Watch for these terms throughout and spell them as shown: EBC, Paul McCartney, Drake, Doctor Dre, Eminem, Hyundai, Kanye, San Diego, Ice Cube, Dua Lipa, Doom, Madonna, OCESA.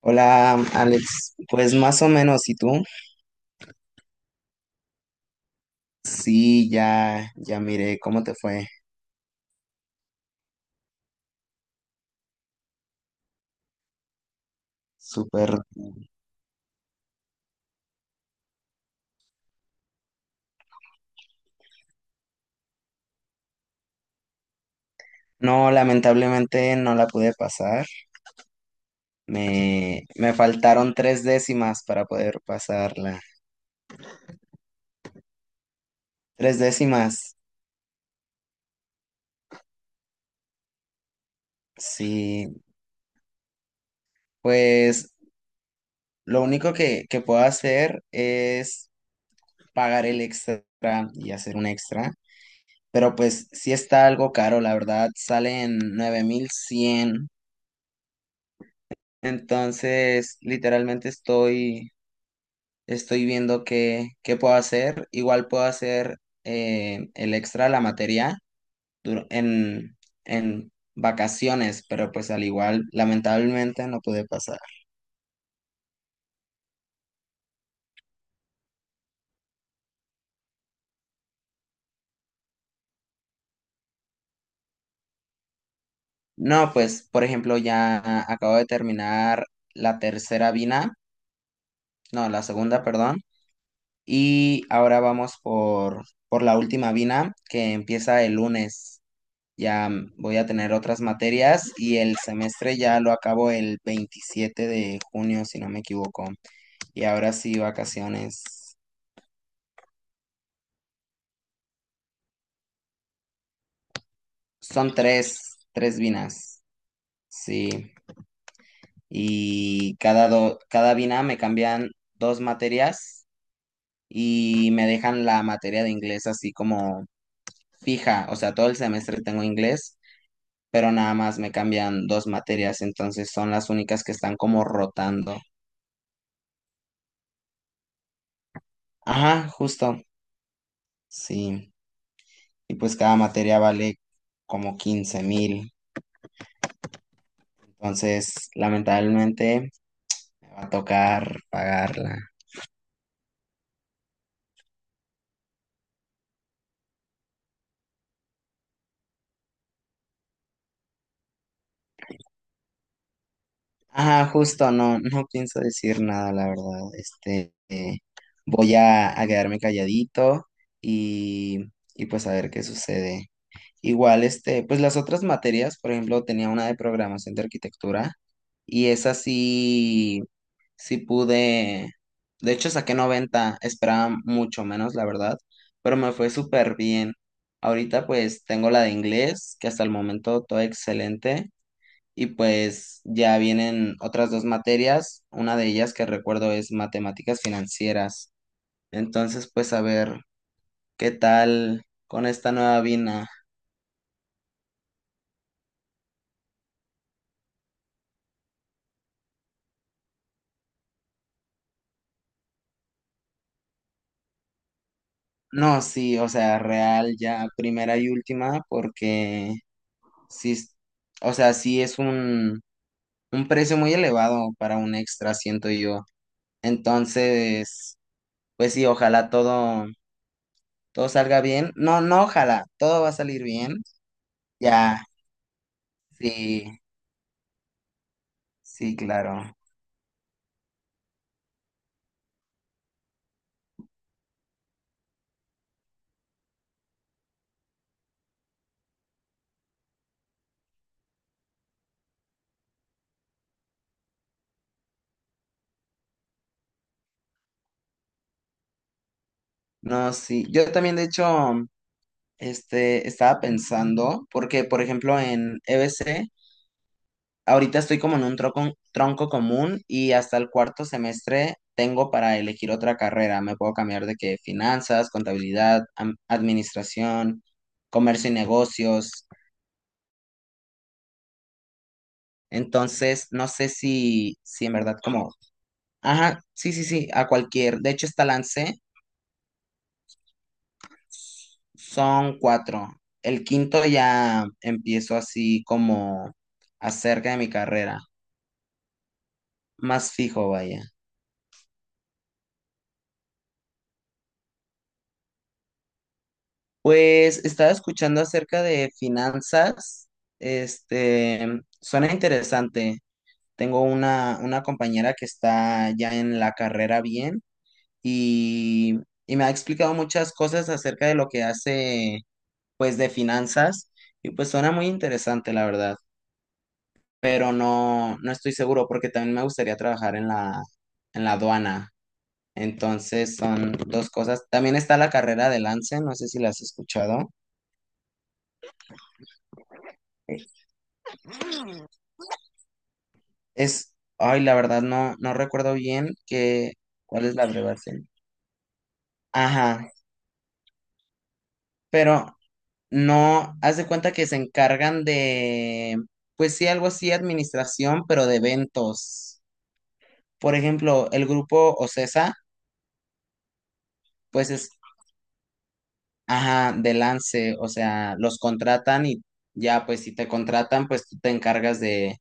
Hola, Alex. Pues más o menos, ¿y tú? Sí, ya miré cómo te fue. Súper. No, lamentablemente no la pude pasar. Me faltaron 3 décimas para poder pasarla. 3 décimas. Sí, pues lo único que puedo hacer es pagar el extra y hacer un extra. Pero pues sí está algo caro, la verdad. Salen 9,100. Entonces, literalmente estoy viendo qué puedo hacer. Igual puedo hacer el extra, la materia, dur- en, en vacaciones, pero pues al igual, lamentablemente no pude pasar. No, pues, por ejemplo, ya acabo de terminar la tercera vina, no, la segunda, perdón, y ahora vamos por la última vina que empieza el lunes. Ya voy a tener otras materias y el semestre ya lo acabo el 27 de junio, si no me equivoco. Y ahora sí, vacaciones. Son 3 binas. Sí. Y cada bina me cambian dos materias y me dejan la materia de inglés así como fija. O sea, todo el semestre tengo inglés, pero nada más me cambian dos materias. Entonces son las únicas que están como rotando. Ajá, justo. Sí. Y pues cada materia vale como 15,000. Entonces, lamentablemente, me va a tocar pagarla. Ajá, justo, no, no pienso decir nada, la verdad. Voy a quedarme calladito y, y pues a ver qué sucede. Igual, este, pues las otras materias, por ejemplo, tenía una de programación de arquitectura y esa sí, sí pude. De hecho, saqué 90. Esperaba mucho menos, la verdad, pero me fue súper bien. Ahorita pues tengo la de inglés, que hasta el momento todo excelente, y pues ya vienen otras dos materias, una de ellas que recuerdo es matemáticas financieras. Entonces pues a ver, ¿qué tal con esta nueva vina? No, sí, o sea, real ya primera y última, porque sí, o sea, sí es un precio muy elevado para un extra, siento yo. Entonces, pues sí, ojalá todo salga bien. No, no, ojalá, todo va a salir bien. Ya, sí, sí, claro. No, sí. Yo también, de hecho, este, estaba pensando, porque, por ejemplo, en EBC ahorita estoy como en un tronco común y hasta el cuarto semestre tengo para elegir otra carrera. Me puedo cambiar de que finanzas, contabilidad, administración, comercio y negocios. Entonces, no sé si en verdad como, ajá, sí, sí, sí, a cualquier. De hecho, esta lancé, son cuatro. El quinto ya empiezo así como acerca de mi carrera, más fijo, vaya. Pues estaba escuchando acerca de finanzas. Este, suena interesante. Tengo una compañera que está ya en la carrera bien y, y me ha explicado muchas cosas acerca de lo que hace, pues, de finanzas. Y pues suena muy interesante, la verdad. Pero no, no estoy seguro porque también me gustaría trabajar en en la aduana. Entonces son dos cosas. También está la carrera de Lance, no sé si la has escuchado. Es, ay, la verdad no, no recuerdo bien cuál es la abreviación. Ajá, pero no, haz de cuenta que se encargan de, pues sí, algo así, administración, pero de eventos. Por ejemplo, el grupo OCESA, pues es, ajá, de Lance, o sea, los contratan y ya, pues si te contratan, pues tú te encargas de,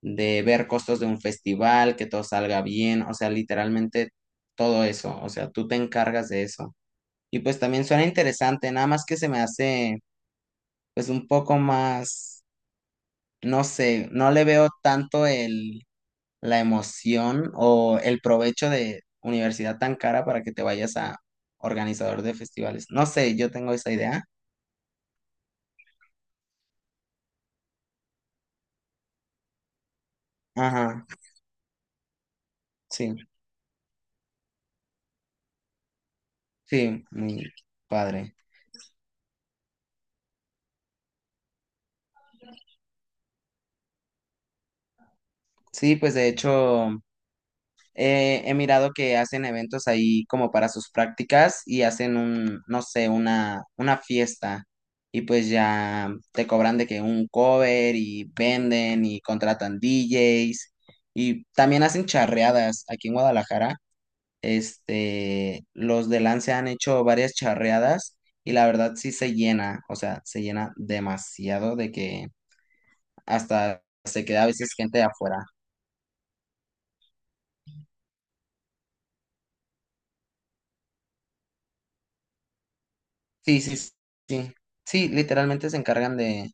ver costos de un festival, que todo salga bien, o sea, literalmente todo eso, o sea, tú te encargas de eso. Y pues también suena interesante, nada más que se me hace pues un poco más, no sé, no le veo tanto el, la emoción o el provecho de universidad tan cara para que te vayas a organizador de festivales. No sé, yo tengo esa idea. Ajá, sí, sí, muy padre. Sí, pues de hecho, he mirado que hacen eventos ahí como para sus prácticas y hacen un, no sé, una fiesta y pues ya te cobran de que un cover y venden y contratan DJs y también hacen charreadas aquí en Guadalajara. Este, los de Lance han hecho varias charreadas y la verdad sí se llena, o sea, se llena demasiado de que hasta se queda a veces gente de afuera. Sí, sí, sí. Sí, literalmente se encargan de,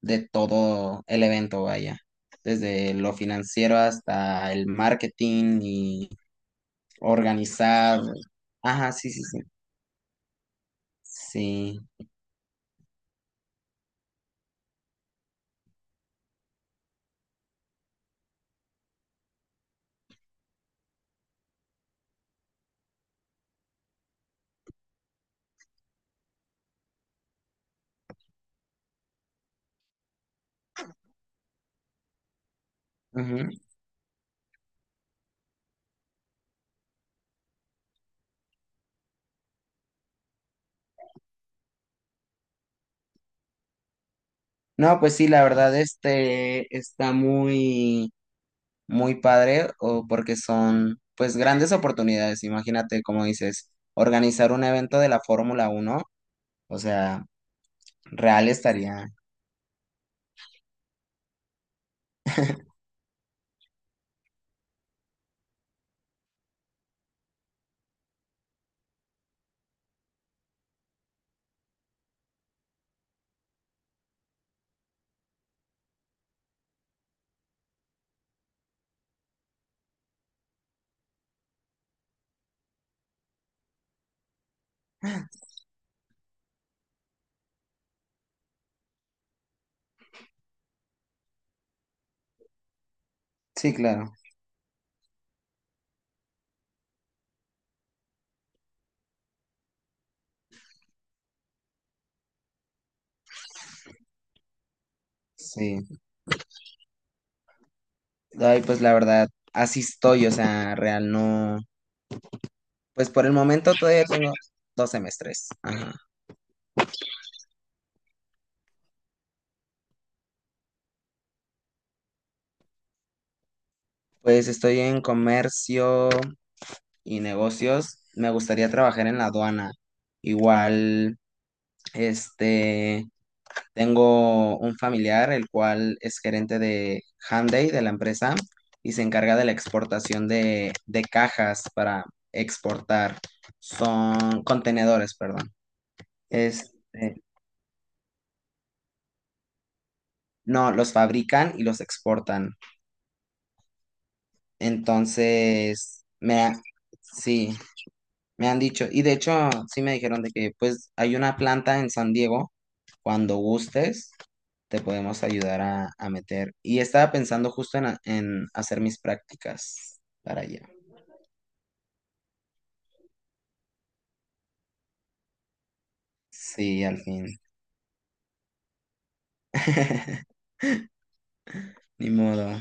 todo el evento, vaya, desde lo financiero hasta el marketing y organizar. Ajá, sí, sí, sí. Sí. Ujú. No, pues sí, la verdad, este está muy, muy padre, o porque son, pues, grandes oportunidades. Imagínate, como dices, organizar un evento de la Fórmula 1, o sea, real estaría. Sí, claro. Sí. Ay, pues la verdad, así estoy, o sea, real no. Pues por el momento todavía tengo 2 semestres. Ajá. Pues estoy en comercio y negocios. Me gustaría trabajar en la aduana. Igual, este, tengo un familiar, el cual es gerente de Hyundai, de la empresa, y se encarga de la exportación de, cajas para exportar. Son contenedores, perdón. Este, no, los fabrican y los exportan. Entonces, sí, me han dicho, y de hecho sí me dijeron de que pues hay una planta en San Diego, cuando gustes, te podemos ayudar a meter. Y estaba pensando justo en, en hacer mis prácticas para allá. Sí, al fin. Ni modo.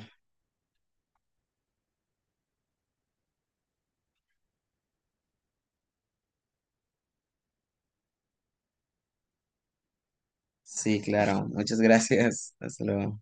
Sí, claro. Muchas gracias. Hasta luego.